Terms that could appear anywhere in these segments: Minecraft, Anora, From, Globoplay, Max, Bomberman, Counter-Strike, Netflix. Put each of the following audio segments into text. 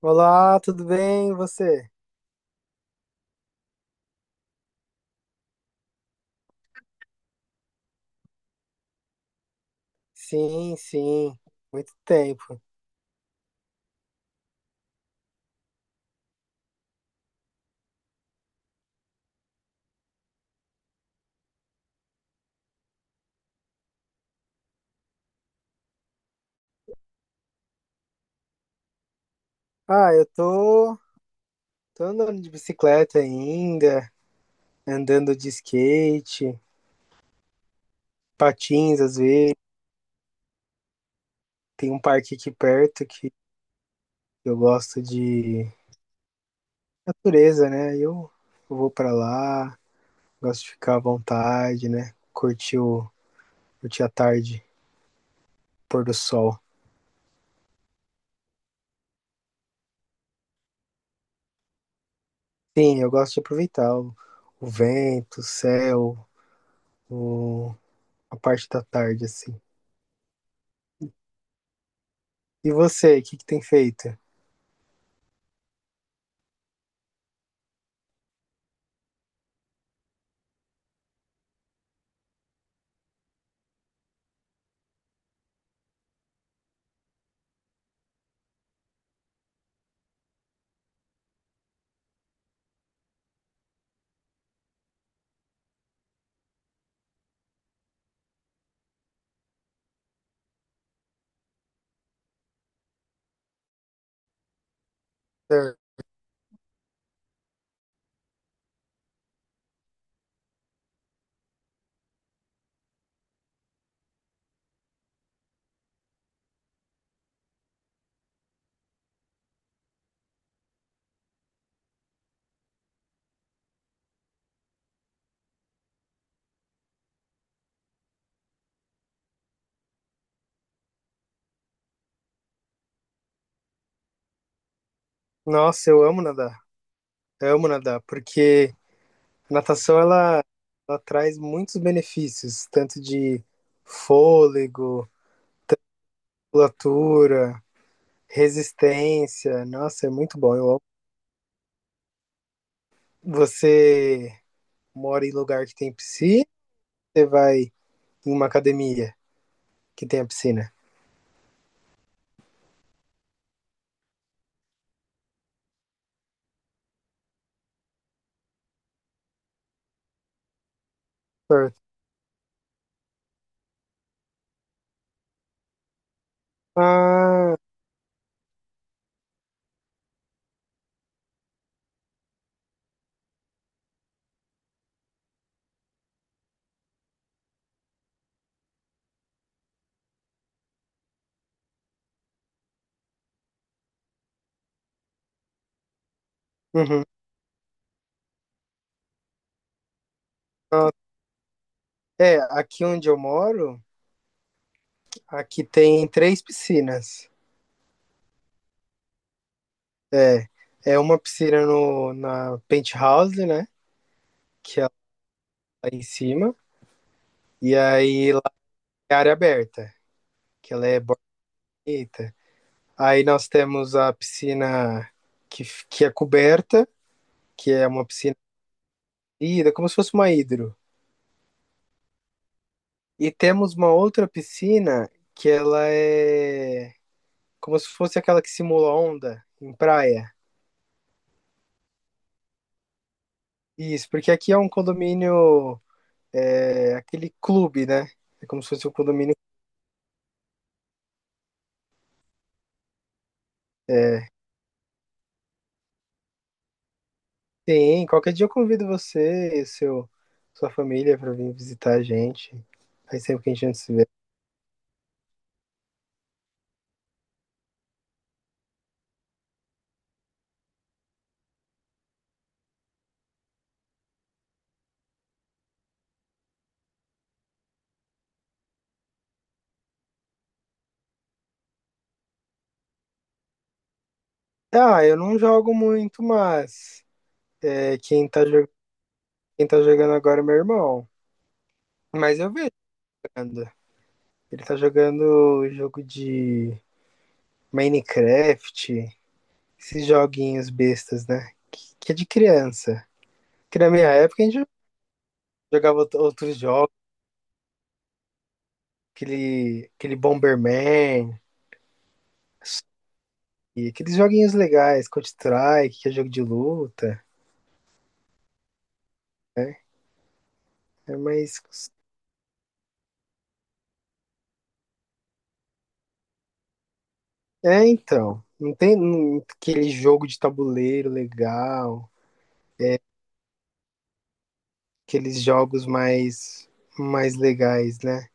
Olá, tudo bem? E você? Sim, sim, muito tempo. Ah, eu tô andando de bicicleta ainda, andando de skate, patins às vezes. Tem um parque aqui perto que eu gosto de natureza, né? Eu vou pra lá, gosto de ficar à vontade, né? Curtir a tarde, pôr do sol. Sim, eu gosto de aproveitar o, vento, o céu, o- a parte da tarde, assim. E você, o que tem feito? É, Nossa, eu amo nadar. Eu amo nadar, porque a natação ela traz muitos benefícios, tanto de fôlego, musculatura, resistência. Nossa, é muito bom. Eu amo. Você mora em lugar que tem piscina? Você vai em uma academia que tem a piscina? Certo. Ah, uhum. Nossa, é, aqui onde eu moro, aqui tem três piscinas. É, é uma piscina no, na penthouse, né? Que é lá em cima. E aí lá é área aberta, que ela é bonita. Aí nós temos a piscina que é coberta, que é uma piscina ida, como se fosse uma hidro. E temos uma outra piscina que ela é como se fosse aquela que simula onda em praia. Isso, porque aqui é um condomínio, é aquele clube, né? É como se fosse um condomínio. Sim, qualquer dia eu convido você e sua família pra vir visitar a gente. Faz tempo que a gente não se vê. Ah, eu não jogo muito, mas é, quem tá, quem tá jogando agora é meu irmão. Mas eu vejo jogando. Ele tá jogando jogo de Minecraft, esses joguinhos bestas, né? Que é de criança. Que na minha época a gente jogava outros jogos, aquele, Bomberman, e aqueles joguinhos legais, Counter-Strike, que é jogo de luta. É, mas. É, então. Não tem aquele jogo de tabuleiro legal, aqueles jogos mais, legais, né?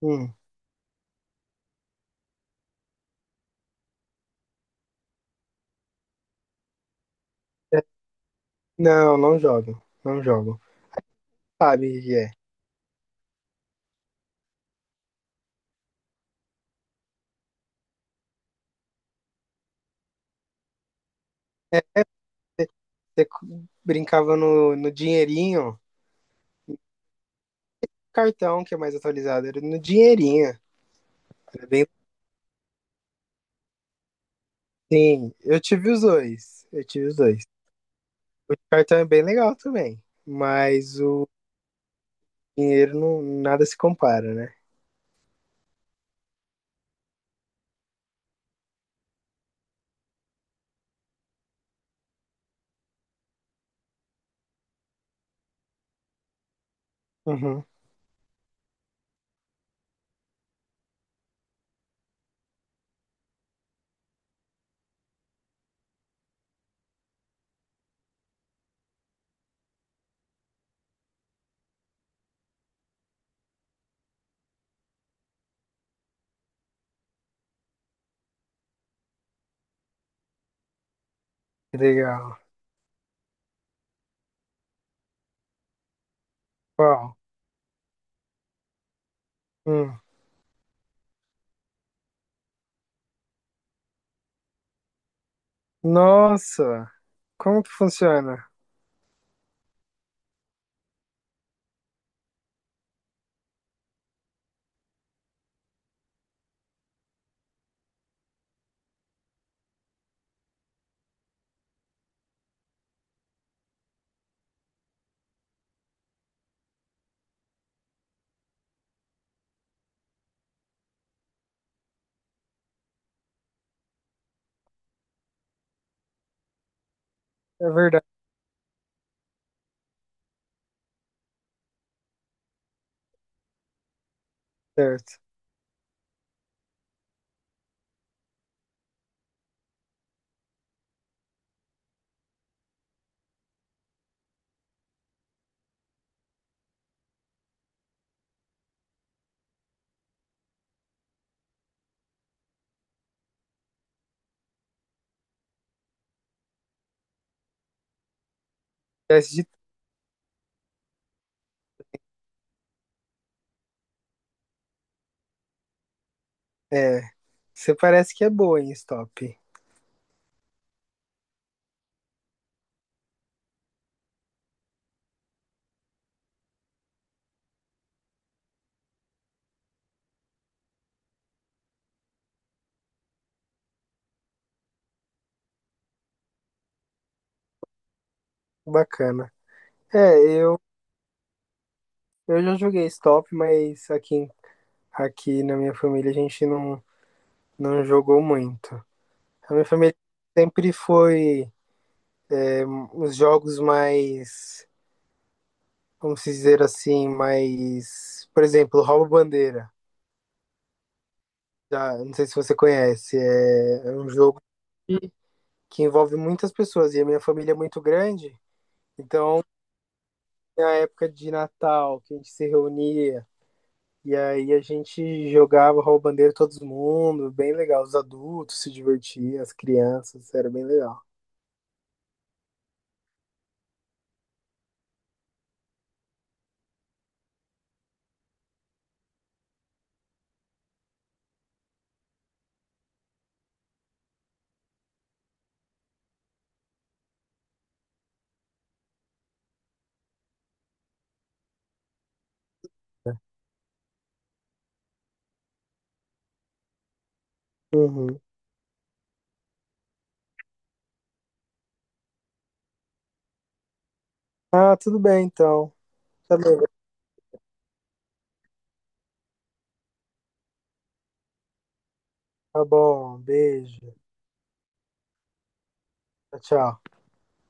Hum. É, não, não jogo. Não jogo. Sabe, é. É, você brincava no dinheirinho, cartão que é mais atualizado, era no dinheirinho. Era bem. Sim, eu tive os dois. Eu tive os dois. O cartão é bem legal também, mas o dinheiro não, nada se compara, né? Uhum. Que legal. Qual? Hum. Nossa, como que funciona? É verdade, certo. Teste de. É, você parece que é boa em stop. Bacana. É, eu, já joguei stop, mas aqui na minha família a gente não jogou muito. A minha família sempre foi os jogos mais, vamos dizer assim, mais, por exemplo, rouba-bandeira. Já, não sei se você conhece, é um jogo que envolve muitas pessoas e a minha família é muito grande. Então, na época de Natal, que a gente se reunia, e aí a gente jogava rouba-bandeira todo mundo, bem legal. Os adultos se divertiam, as crianças, era bem legal. Uhum. Ah, tudo bem então. Tá bom, tá bom. Beijo. Tchau, tchau.